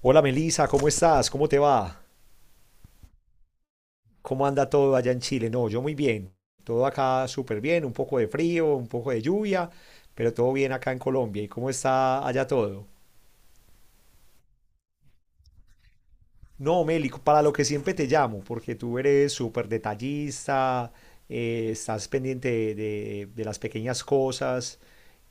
Hola Melisa, ¿cómo estás? ¿Cómo te va? ¿Cómo anda todo allá en Chile? No, yo muy bien. Todo acá súper bien, un poco de frío, un poco de lluvia, pero todo bien acá en Colombia. ¿Y cómo está allá todo? No, Mélico, para lo que siempre te llamo, porque tú eres súper detallista, estás pendiente de las pequeñas cosas,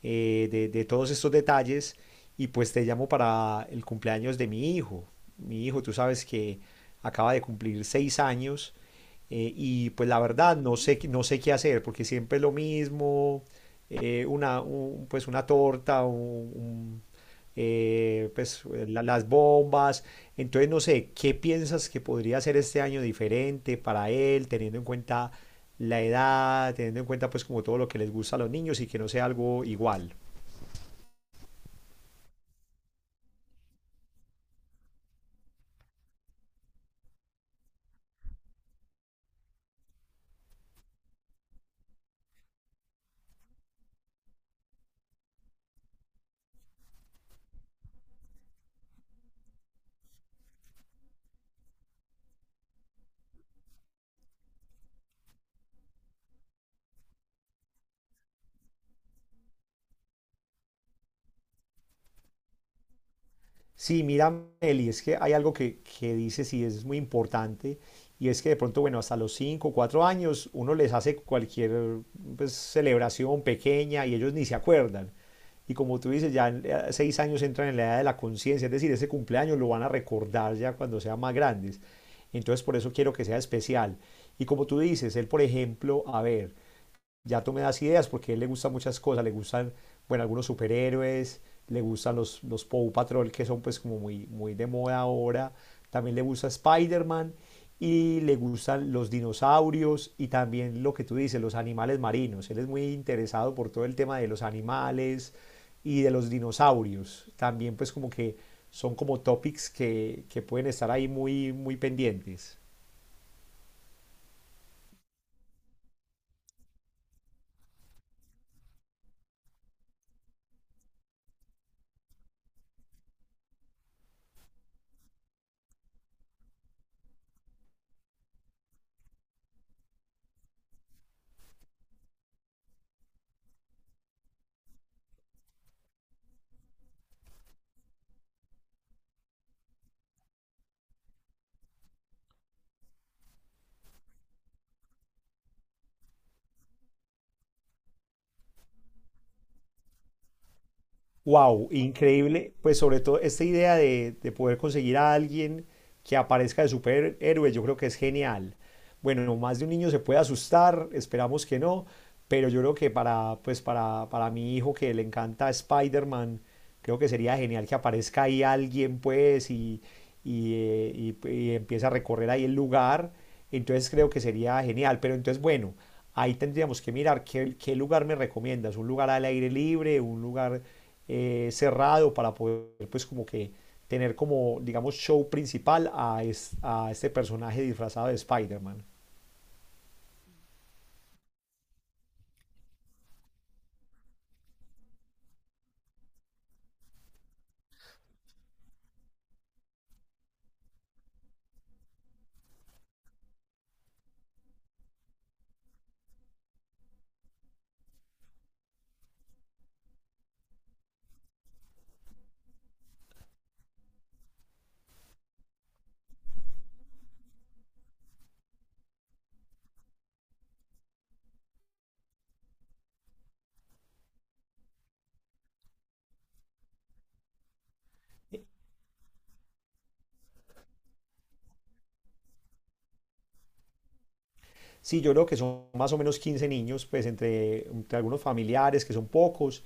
de todos estos detalles, y pues te llamo para el cumpleaños de mi hijo. Mi hijo, tú sabes que acaba de cumplir 6 años, y pues la verdad no sé, no sé qué hacer, porque siempre es lo mismo, pues una torta, un- pues las bombas. Entonces, no sé, ¿qué piensas que podría ser este año diferente para él, teniendo en cuenta la edad, teniendo en cuenta pues como todo lo que les gusta a los niños y que no sea algo igual? Sí, mira, Meli, es que hay algo que dices y es muy importante, y es que de pronto, bueno, hasta los 5 o 4 años uno les hace cualquier pues, celebración pequeña y ellos ni se acuerdan. Y como tú dices, ya a 6 años entran en la edad de la conciencia, es decir, ese cumpleaños lo van a recordar ya cuando sean más grandes. Entonces, por eso quiero que sea especial. Y como tú dices, él, por ejemplo, a ver, ya tú me das ideas porque a él le gustan muchas cosas, le gustan, bueno, algunos superhéroes, le gustan los Paw Patrol que son pues como muy, muy de moda ahora, también le gusta Spider-Man y le gustan los dinosaurios y también lo que tú dices, los animales marinos. Él es muy interesado por todo el tema de los animales y de los dinosaurios. También pues como que son como topics que pueden estar ahí muy, muy pendientes. Wow, increíble. Pues sobre todo esta idea de poder conseguir a alguien que aparezca de superhéroe, yo creo que es genial. Bueno, más de un niño se puede asustar, esperamos que no, pero yo creo que para mi hijo que le encanta Spider-Man, creo que sería genial que aparezca ahí alguien, pues, y empieza a recorrer ahí el lugar. Entonces creo que sería genial. Pero entonces, bueno, ahí tendríamos que mirar qué lugar me recomiendas. Un lugar al aire libre, un lugar cerrado para poder, pues, como que tener como, digamos, show principal a este personaje disfrazado de Spider-Man. Sí, yo creo que son más o menos 15 niños, pues entre algunos familiares, que son pocos,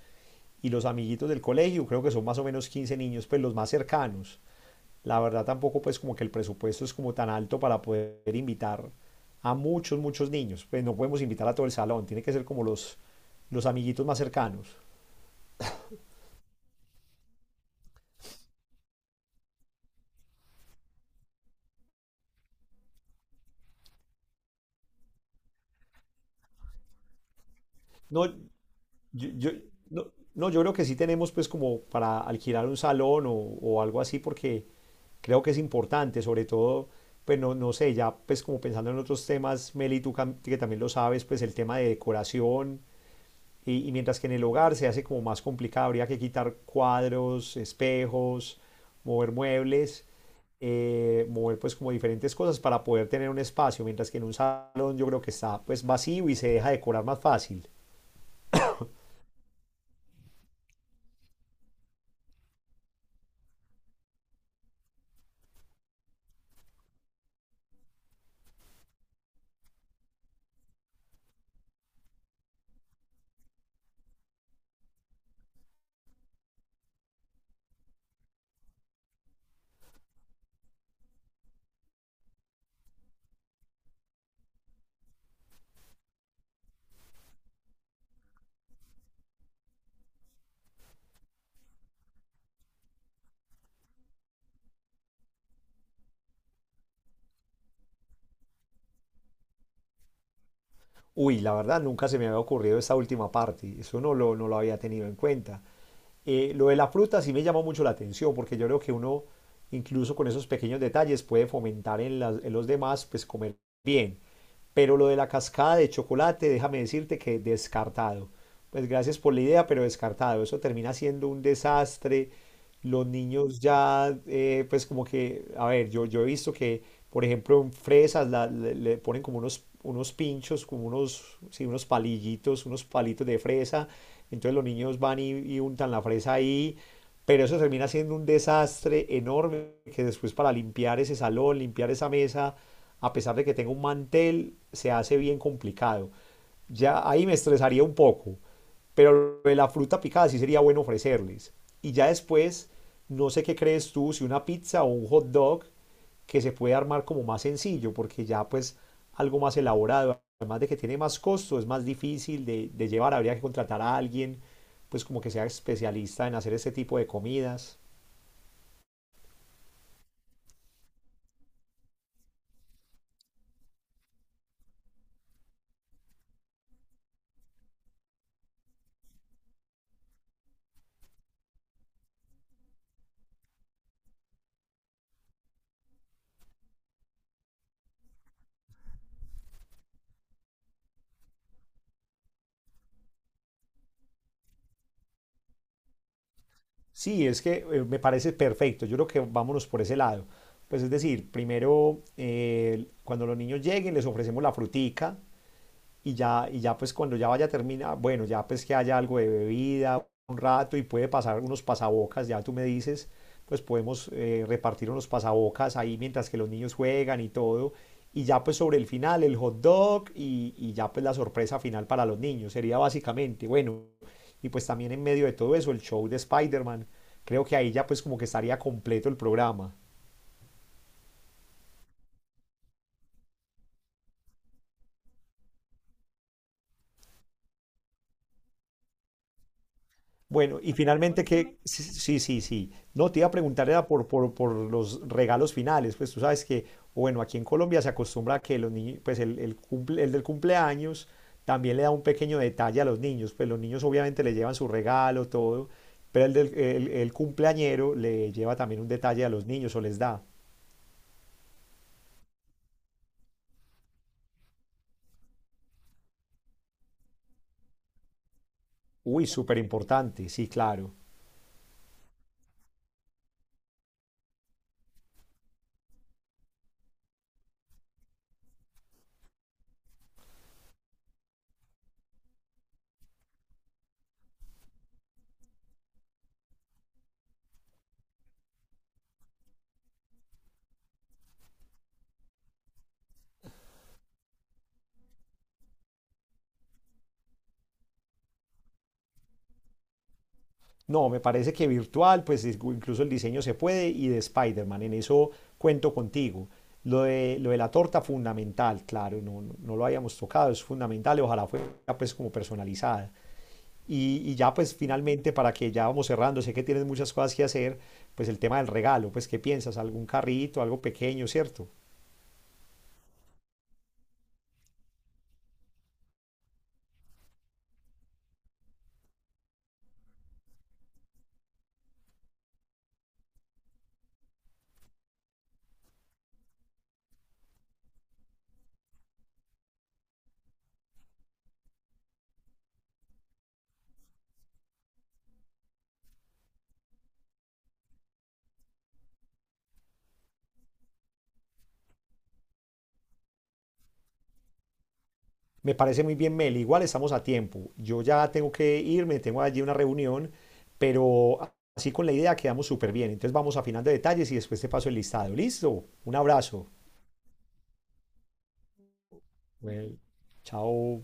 y los amiguitos del colegio, creo que son más o menos 15 niños, pues los más cercanos. La verdad tampoco pues como que el presupuesto es como tan alto para poder invitar a muchos, muchos niños. Pues no podemos invitar a todo el salón, tiene que ser como los amiguitos más cercanos. No, yo, yo- no, no, yo creo que sí tenemos pues como para alquilar un salón o algo así porque creo que es importante, sobre todo, pues no, no sé, ya pues como pensando en otros temas, Meli, tú que también lo sabes, pues el tema de decoración. Y mientras que en el hogar se hace como más complicado, habría que quitar cuadros, espejos, mover muebles, mover pues como diferentes cosas para poder tener un espacio, mientras que en un salón yo creo que está pues vacío y se deja decorar más fácil. Uy, la verdad nunca se me había ocurrido esta última parte, eso no lo había tenido en cuenta. Lo de la fruta sí me llamó mucho la atención porque yo creo que uno incluso con esos pequeños detalles puede fomentar en los demás pues comer bien. Pero lo de la cascada de chocolate, déjame decirte que descartado. Pues gracias por la idea, pero descartado. Eso termina siendo un desastre. Los niños ya, pues como que, a ver, yo he visto que, por ejemplo, en fresas le ponen como unos pinchos, como unos, sí, unos palillitos, unos palitos de fresa. Entonces los niños van y untan la fresa ahí. Pero eso termina siendo un desastre enorme que después para limpiar ese salón, limpiar esa mesa, a pesar de que tenga un mantel, se hace bien complicado. Ya ahí me estresaría un poco, pero la fruta picada sí sería bueno ofrecerles. Y ya después, no sé qué crees tú, si una pizza o un hot dog que se puede armar como más sencillo, porque ya pues algo más elaborado, además de que tiene más costo, es más difícil de llevar, habría que contratar a alguien, pues como que sea especialista en hacer este tipo de comidas. Sí, es que me parece perfecto. Yo creo que vámonos por ese lado. Pues es decir, primero, cuando los niños lleguen, les ofrecemos la frutica, y ya pues cuando ya vaya termina, bueno, ya pues que haya algo de bebida, un rato y puede pasar unos pasabocas, ya tú me dices, pues podemos repartir unos pasabocas ahí mientras que los niños juegan y todo. Y ya pues sobre el final el hot dog y ya pues la sorpresa final para los niños. Sería básicamente, bueno, y pues también en medio de todo eso el show de Spider-Man. Creo que ahí ya pues como que estaría completo el programa. Bueno, y finalmente que, sí, sí, sí, sí. No, te iba a preguntar era por los regalos finales, pues tú sabes que, bueno, aquí en Colombia se acostumbra a que los niños, pues el del cumpleaños también le da un pequeño detalle a los niños, pues los niños obviamente le llevan su regalo, todo, pero el cumpleañero le lleva también un detalle a los niños o les da. Uy, súper importante, sí, claro. No, me parece que virtual, pues incluso el diseño se puede y de Spider-Man, en eso cuento contigo. Lo de la torta, fundamental, claro, no lo habíamos tocado, es fundamental, y ojalá fuera pues como personalizada. Y ya pues finalmente, para que ya vamos cerrando, sé que tienes muchas cosas que hacer, pues el tema del regalo, pues ¿qué piensas? ¿Algún carrito, algo pequeño, cierto? Me parece muy bien, Mel. Igual estamos a tiempo. Yo ya tengo que irme, tengo allí una reunión, pero así con la idea quedamos súper bien. Entonces vamos afinando detalles y después te paso el listado. ¿Listo? Un abrazo. Bueno, chao.